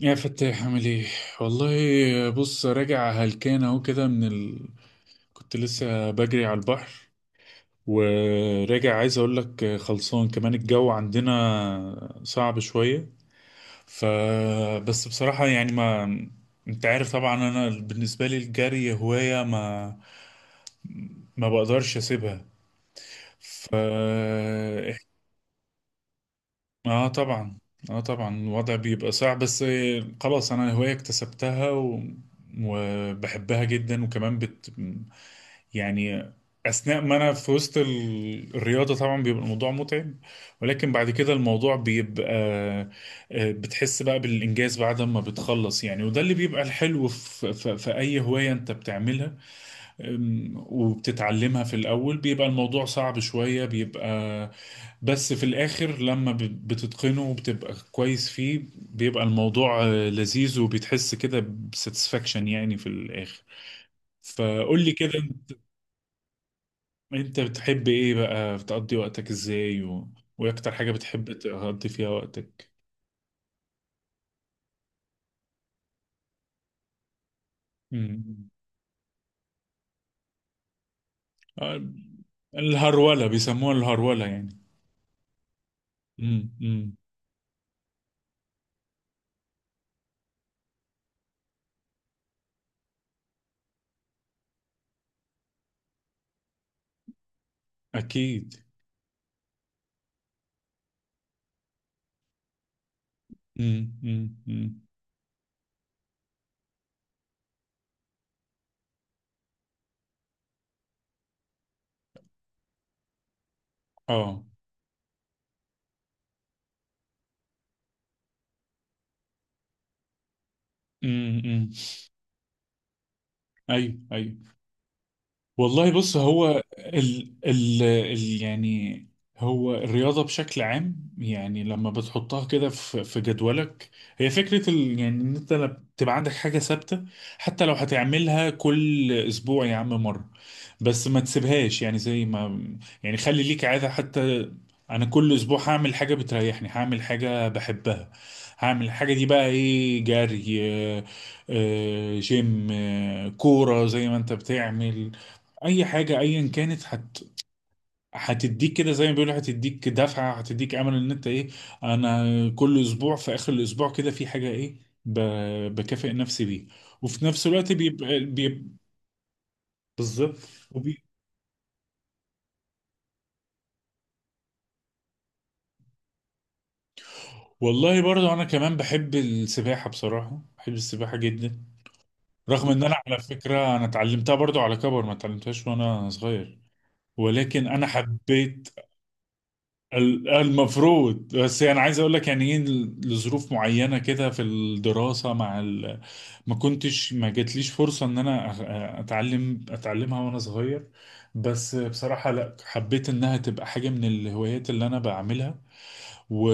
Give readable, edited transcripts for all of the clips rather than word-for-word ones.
يا فتاح، عامل ايه؟ والله بص، راجع هلكان اهو كده كنت لسه بجري على البحر، وراجع عايز اقول لك خلصان. كمان الجو عندنا صعب شوية. ف بس بصراحة يعني، ما انت عارف طبعا انا بالنسبة لي الجري هواية، ما بقدرش اسيبها. ف اه، طبعا. اه، طبعا الوضع بيبقى صعب، بس خلاص انا هواية اكتسبتها وبحبها جدا. وكمان يعني اثناء ما انا في وسط الرياضة طبعا بيبقى الموضوع متعب، ولكن بعد كده الموضوع بيبقى بتحس بقى بالانجاز بعد ما بتخلص يعني. وده اللي بيبقى الحلو في اي هواية انت بتعملها. وبتتعلمها في الأول بيبقى الموضوع صعب شوية، بيبقى بس في الآخر لما بتتقنه وبتبقى كويس فيه، بيبقى الموضوع لذيذ، وبتحس كده بساتسفاكشن يعني في الآخر. فقول لي كده، انت بتحب ايه بقى؟ بتقضي وقتك ازاي وايه اكتر حاجة بتحب تقضي فيها وقتك؟ مم. آه، الهرولة، بيسموها الهرولة يعني. مم. مم. اكيد. مم. مم. مم. اه. ايوه، ايوه. والله بص، هو ال يعني هو الرياضة بشكل عام، يعني لما بتحطها كده في جدولك، هي فكرة ال يعني ان انت لما تبقى عندك حاجة ثابتة، حتى لو هتعملها كل اسبوع يا عم مرة، بس ما تسيبهاش. يعني زي ما يعني خلي ليك عادة حتى، انا كل اسبوع هعمل حاجة بتريحني، هعمل حاجة بحبها، هعمل الحاجة دي بقى، ايه؟ جري، جيم، كورة زي ما انت بتعمل، اي حاجه ايا كانت هتديك كده، زي ما بيقولوا، هتديك دفعه، هتديك امل ان انت ايه، انا كل اسبوع في اخر الاسبوع كده في حاجه ايه، ب... بكافئ نفسي بيه. وفي نفس الوقت بيبقى بالظبط. وبي... والله برضو انا كمان بحب السباحه، بصراحه بحب السباحه جدا. رغم ان انا على فكره انا اتعلمتها برضو على كبر، ما اتعلمتهاش وانا صغير، ولكن انا حبيت. المفروض، بس يعني عايز اقول لك يعني ايه، لظروف معينه كده في الدراسه ما كنتش، ما جاتليش فرصه ان انا اتعلمها وانا صغير. بس بصراحه لا، حبيت انها تبقى حاجه من الهوايات اللي انا بعملها. و...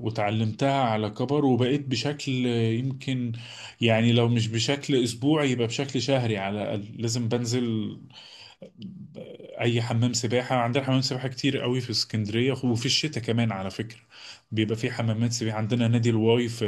وتعلمتها على كبر، وبقيت بشكل يمكن يعني لو مش بشكل اسبوعي يبقى بشكل شهري على الاقل، لازم بنزل اي حمام سباحه. عندنا حمام سباحه كتير قوي في اسكندريه، وفي الشتاء كمان على فكره بيبقى في حمامات سباحه. عندنا نادي الواي في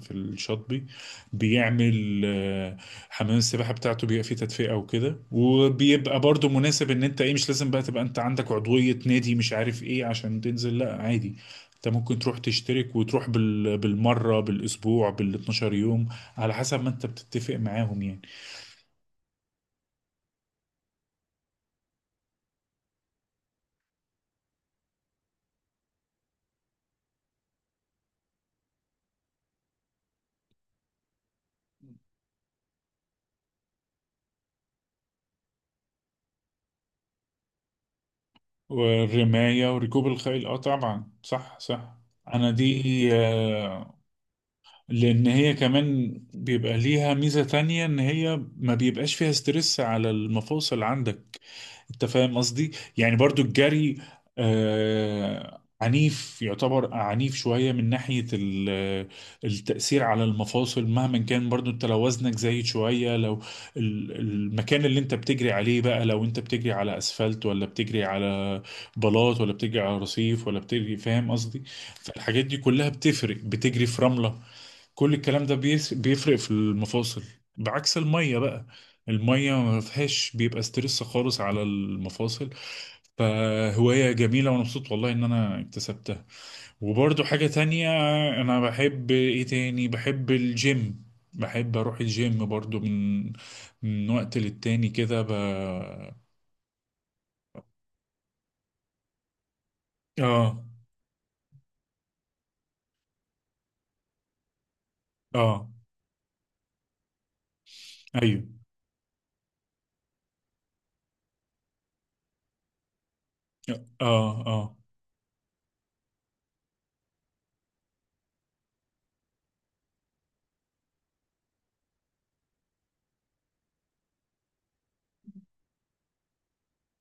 في الشاطبي، بيعمل حمام السباحه بتاعته بيبقى فيه تدفئه وكده، وبيبقى برضو مناسب ان انت ايه، مش لازم بقى تبقى انت عندك عضويه نادي مش عارف ايه عشان تنزل، لا عادي. انت ممكن تروح تشترك، وتروح بالمره، بالاسبوع، بال 12 يوم، على حسب ما انت بتتفق معاهم يعني. والرماية وركوب الخيل، اه طبعا. صح، صح. انا دي آه، لان هي كمان بيبقى ليها ميزة تانية، ان هي ما بيبقاش فيها ستريس على المفاصل عندك. انت فاهم قصدي؟ يعني برضو الجري آه عنيف، يعتبر عنيف شوية من ناحية التأثير على المفاصل مهما كان، برضو انت لو وزنك زايد شوية، لو المكان اللي انت بتجري عليه بقى، لو انت بتجري على اسفلت، ولا بتجري على بلاط، ولا بتجري على رصيف، ولا بتجري، فاهم قصدي؟ فالحاجات دي كلها بتفرق، بتجري في رملة، كل الكلام ده بيفرق في المفاصل. بعكس المية بقى، المية ما فيهاش بيبقى ستريس خالص على المفاصل. فهواية جميلة، وأنا مبسوط والله إن أنا اكتسبتها. وبرضو حاجة تانية، أنا بحب إيه تاني؟ بحب الجيم. بحب أروح الجيم برضو من وقت للتاني كده آه، آه، أيوه، آه، آه،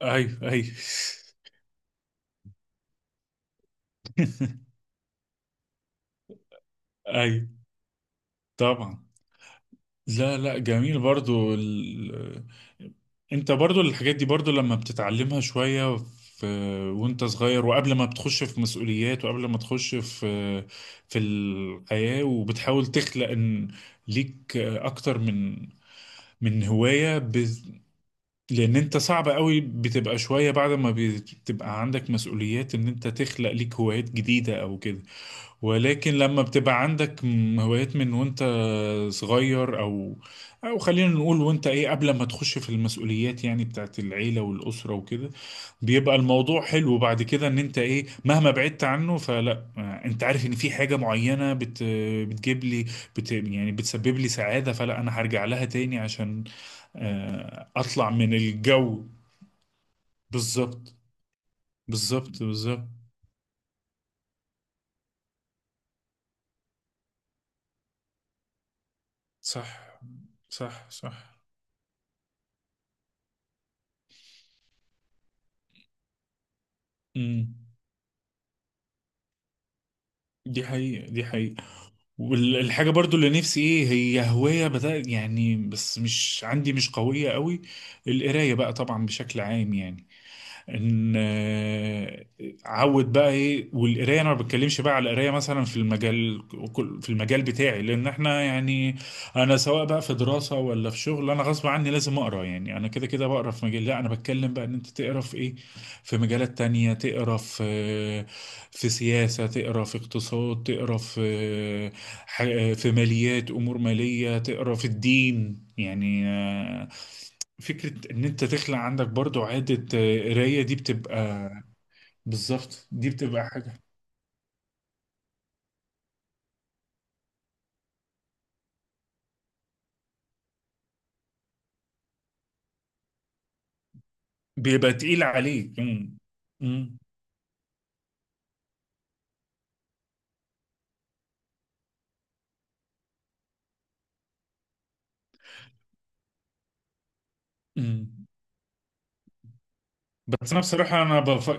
أيوه، أيوه. أيوه، طبعا. لا، لا، جميل برضو انت برضو الحاجات دي، برضو لما بتتعلمها شوية في... وانت صغير، وقبل ما بتخش في مسؤوليات، وقبل ما تخش في الحياة، وبتحاول تخلق ان ليك اكتر من هواية، لان انت صعب قوي، بتبقى شوية بعد ما بتبقى عندك مسؤوليات ان انت تخلق ليك هوايات جديدة او كده. ولكن لما بتبقى عندك هوايات من وانت صغير، او خلينا نقول وانت ايه قبل ما تخش في المسؤوليات يعني بتاعت العيلة والأسرة وكده، بيبقى الموضوع حلو بعد كده، ان انت ايه مهما بعدت عنه، فلا انت عارف ان في حاجة معينة بتجيب لي، يعني بتسبب لي سعادة، فلا انا هرجع لها تاني عشان اطلع من الجو. بالظبط، بالظبط، بالظبط. صح، صح، صح. امم. دي حقيقة، دي حقيقة. والحاجة برضو اللي نفسي، ايه هي هواية بدأ يعني، بس مش عندي مش قوية قوي، القراية بقى طبعا بشكل عام يعني، ان عود بقى ايه، والقرايه انا ما بتكلمش بقى على القرايه مثلا في المجال بتاعي لان احنا يعني، انا سواء بقى في دراسه ولا في شغل، انا غصب عني لازم اقرا يعني، انا كده كده بقرا في مجال. لا، انا بتكلم بقى ان انت تقرا في ايه؟ في مجالات تانية، تقرا في سياسه، تقرا في اقتصاد، تقرا في في ماليات، امور ماليه، تقرا في الدين يعني فكرة إن أنت تخلق عندك برضو عادة قراية، دي بتبقى، بالظبط دي بتبقى حاجة بيبقى تقيل عليك. مم. مم. مم. بس أنا بصراحة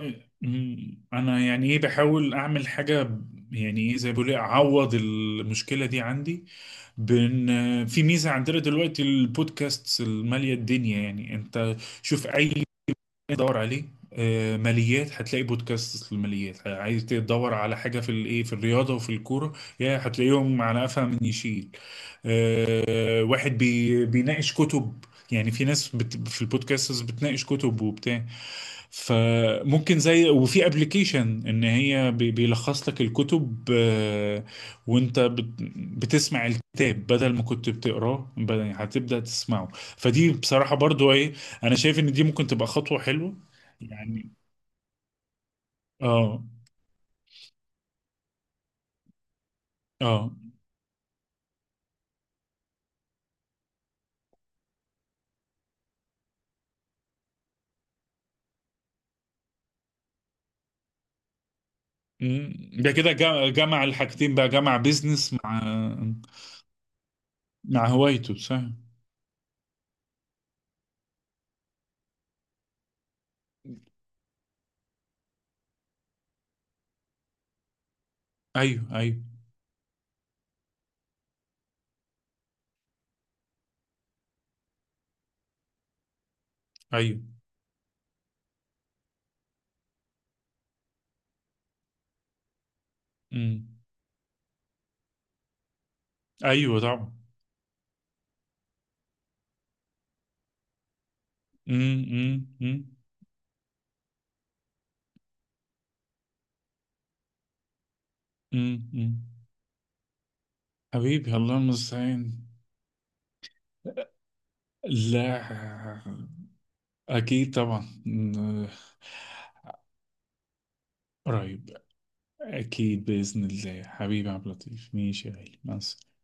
مم. أنا يعني إيه، بحاول أعمل حاجة يعني إيه، زي ما بيقولوا إيه، أعوض المشكلة دي عندي، بإن في ميزة عندنا دلوقتي، البودكاست المالية الدنيا يعني. أنت شوف أي، دور عليه ماليات، هتلاقي بودكاست للماليات، عايز تدور على حاجه في الايه، في الرياضه وفي الكوره، يا هتلاقيهم على قفا من يشيل. واحد بيناقش كتب، يعني في ناس في البودكاستس بتناقش كتب وبتاع. فممكن زي، وفي ابلكيشن ان هي بيلخص لك الكتب، وانت بت- بتسمع الكتاب بدل ما كنت بتقراه، هتبدأ تسمعه. فدي بصراحة برضو إيه، انا شايف ان دي ممكن تبقى خطوة حلوة يعني. اه. اه. مم. ده كده جمع الحاجتين بقى، جمع بيزنس مع هوايته، صح. ايوه، ايوه. ايوه. امم. ايوه، طبعا. امم، امم، امم، امم، أمم. حبيبي، الله المستعان. لا، اكيد طبعا. أمم. قريب، اكيد باذن الله. حبيبي عبد اللطيف، ماشي يا غالي، مع السلامة.